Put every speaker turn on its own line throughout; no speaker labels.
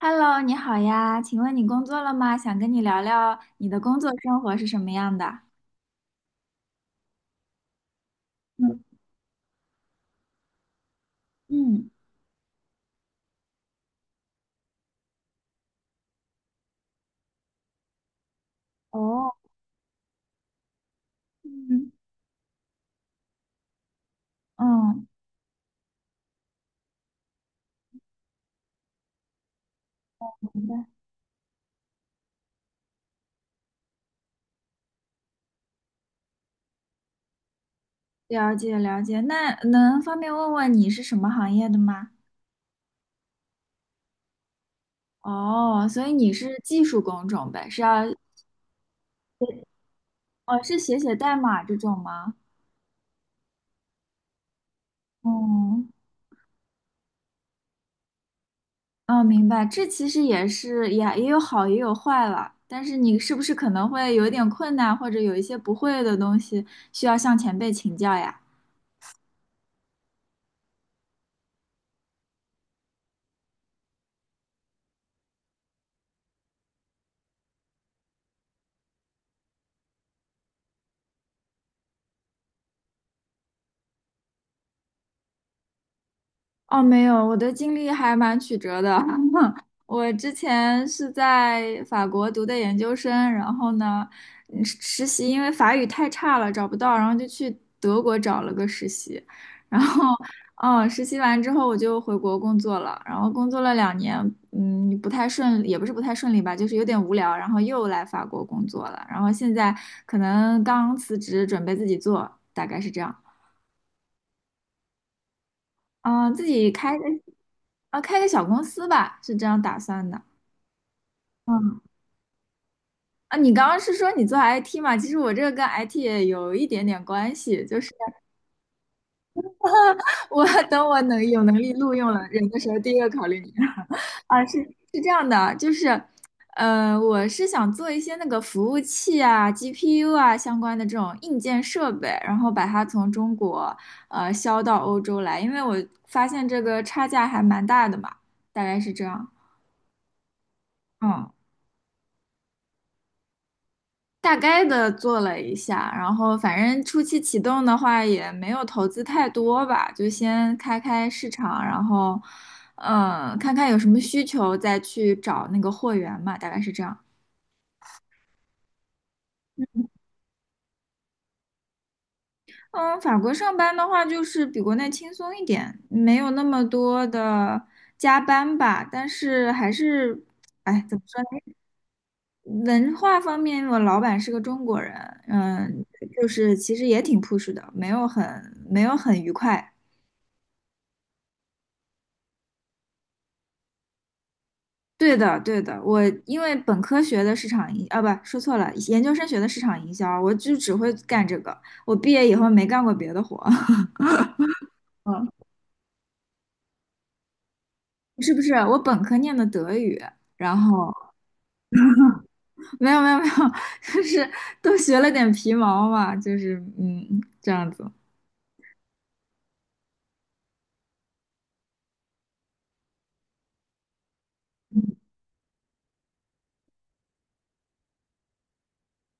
Hello，你好呀，请问你工作了吗？想跟你聊聊你的工作生活是什么样的。嗯嗯。哦。嗯嗯。了解了解。那能方便问问你是什么行业的吗？哦，所以你是技术工种呗，是要。哦，是写写代码这种吗？嗯。哦，明白。这其实也是，也有好也有坏了，但是你是不是可能会有点困难，或者有一些不会的东西需要向前辈请教呀？哦，没有，我的经历还蛮曲折的。我之前是在法国读的研究生，然后呢，实习因为法语太差了找不到，然后就去德国找了个实习，然后，实习完之后我就回国工作了，然后工作了两年。不太顺利也不是不太顺利吧，就是有点无聊，然后又来法国工作了，然后现在可能刚辞职，准备自己做，大概是这样。啊，自己开个。啊，开个小公司吧，是这样打算的。嗯。啊，你刚刚是说你做 IT 嘛？其实我这个跟 IT 也有一点点关系，就是我 等我能有能力录用了人的时候，第一个考虑你。啊，是这样的，就是，我是想做一些那个服务器啊、GPU 啊相关的这种硬件设备，然后把它从中国销到欧洲来，因为我发现这个差价还蛮大的嘛，大概是这样。嗯，大概的做了一下，然后反正初期启动的话也没有投资太多吧，就先开开市场，然后，看看有什么需求再去找那个货源嘛，大概是这样。嗯，法国上班的话，就是比国内轻松一点，没有那么多的加班吧。但是还是，哎，怎么说呢？文化方面，我老板是个中国人。嗯，就是其实也挺 push 的，没有很愉快。对的，对的，我因为本科学的市场营，啊，不，说错了，研究生学的市场营销，我就只会干这个。我毕业以后没干过别的活。嗯，是不是？我本科念的德语，然后没有没有没有。就是都学了点皮毛嘛，就是这样子。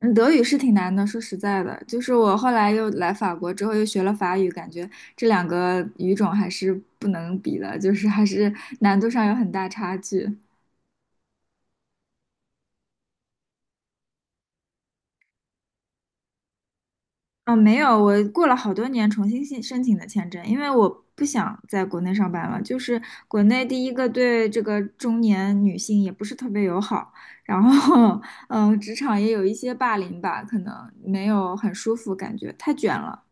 嗯，德语是挺难的，说实在的，就是我后来又来法国之后又学了法语，感觉这两个语种还是不能比的，就是还是难度上有很大差距。嗯，没有，我过了好多年重新申请的签证，因为我不想在国内上班了。就是国内第一个对这个中年女性也不是特别友好，然后 职场也有一些霸凌吧，可能没有很舒服，感觉太卷了。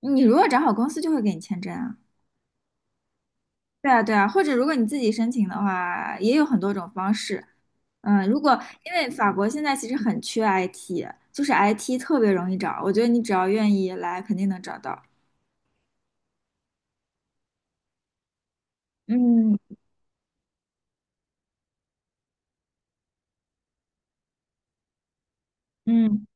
你如果找好公司就会给你签证啊。对啊，对啊，或者如果你自己申请的话，也有很多种方式。嗯，如果因为法国现在其实很缺 IT，就是 IT 特别容易找，我觉得你只要愿意来，肯定能找到。嗯。嗯。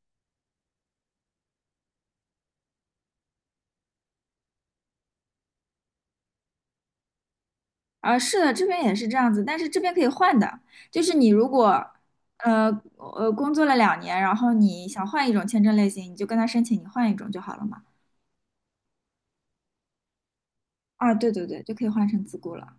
啊，是的，这边也是这样子，但是这边可以换的，就是你如果，呃工作了两年，然后你想换一种签证类型，你就跟他申请，你换一种就好了嘛。啊，对对对，就可以换成自雇了。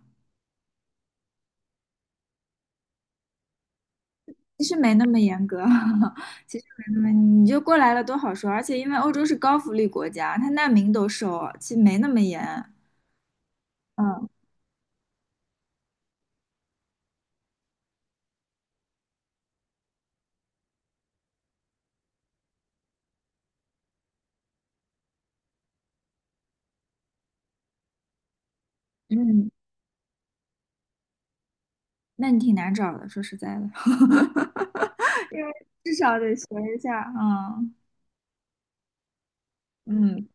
其实没那么严格，其实没那么，你就过来了多好说。而且因为欧洲是高福利国家，他难民都收，其实没那么严。嗯嗯。那你挺难找的，说实在的。因为至少得学一下。嗯嗯。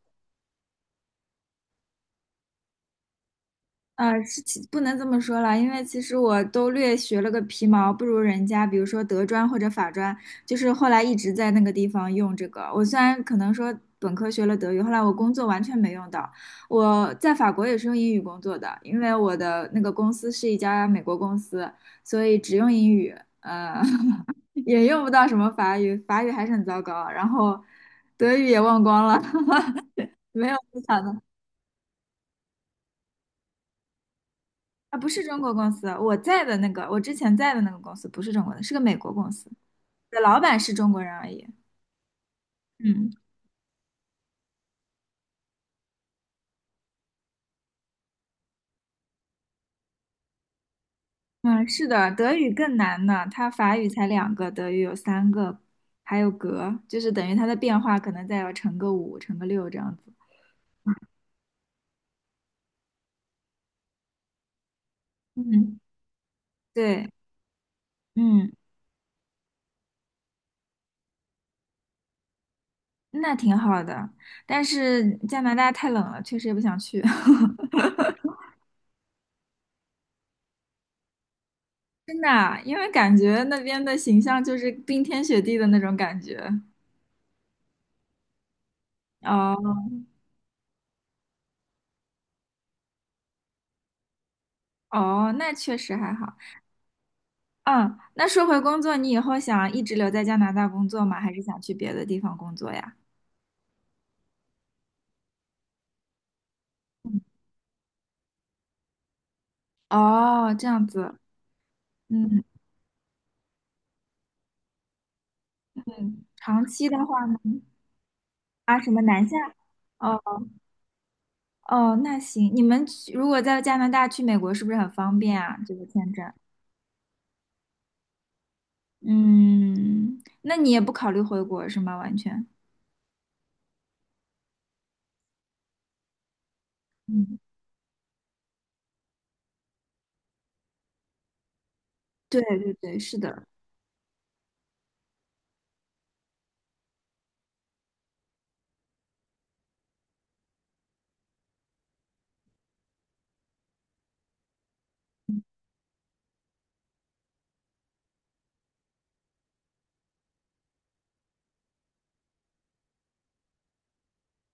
啊，是其不能这么说了，因为其实我都略学了个皮毛，不如人家，比如说德专或者法专，就是后来一直在那个地方用这个。我虽然可能说本科学了德语，后来我工作完全没用到。我在法国也是用英语工作的，因为我的那个公司是一家美国公司，所以只用英语，呃，也用不到什么法语，法语还是很糟糕，然后德语也忘光了。没有思想啊，不是中国公司，我在的那个，我之前在的那个公司不是中国的，是个美国公司，的老板是中国人而已。嗯嗯，是的，德语更难呢，它法语才两个，德语有3个，还有格，就是等于它的变化可能再要乘个五、乘个六这样子。嗯，对。嗯，那挺好的，但是加拿大太冷了，确实也不想去。真的啊，因为感觉那边的形象就是冰天雪地的那种感觉。哦哦，那确实还好。嗯，那说回工作，你以后想一直留在加拿大工作吗？还是想去别的地方工作呀？嗯。哦，这样子。嗯嗯，长期的话呢？啊，什么南下？哦哦，那行，你们去如果在加拿大去美国，是不是很方便啊？这个签证，嗯，那你也不考虑回国是吗？完全，嗯，对对对，是的。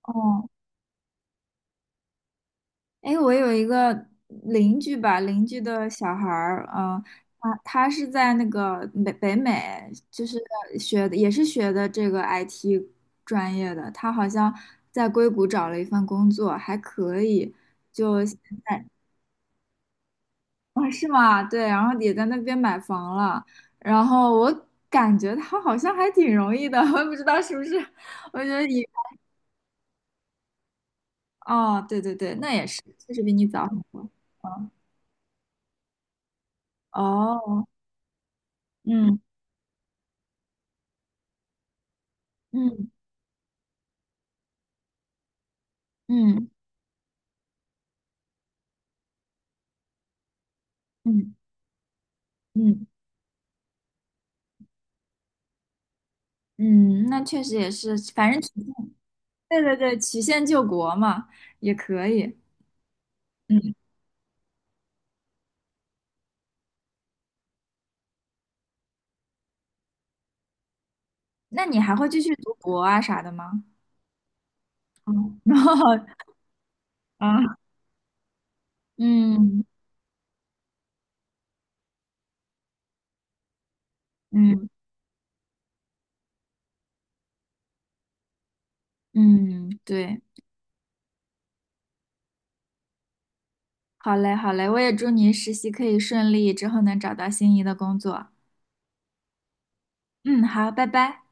哦。哎，我有一个邻居吧，邻居的小孩儿，他是在那个北美，就是学的也是学的这个 IT 专业的，他好像在硅谷找了一份工作，还可以，就现在。啊，是吗？对，然后也在那边买房了，然后我感觉他好像还挺容易的，我也不知道是不是，我觉得以，哦，对对对，那也是，确实比你早很多。嗯。哦。嗯嗯。嗯嗯嗯嗯，那确实也是，反正曲线，对对对，曲线救国嘛，也可以。嗯，那你还会继续读博啊啥的吗？嗯，然后啊，嗯嗯嗯，对，好嘞好嘞，我也祝你实习可以顺利，之后能找到心仪的工作。嗯，好，拜拜。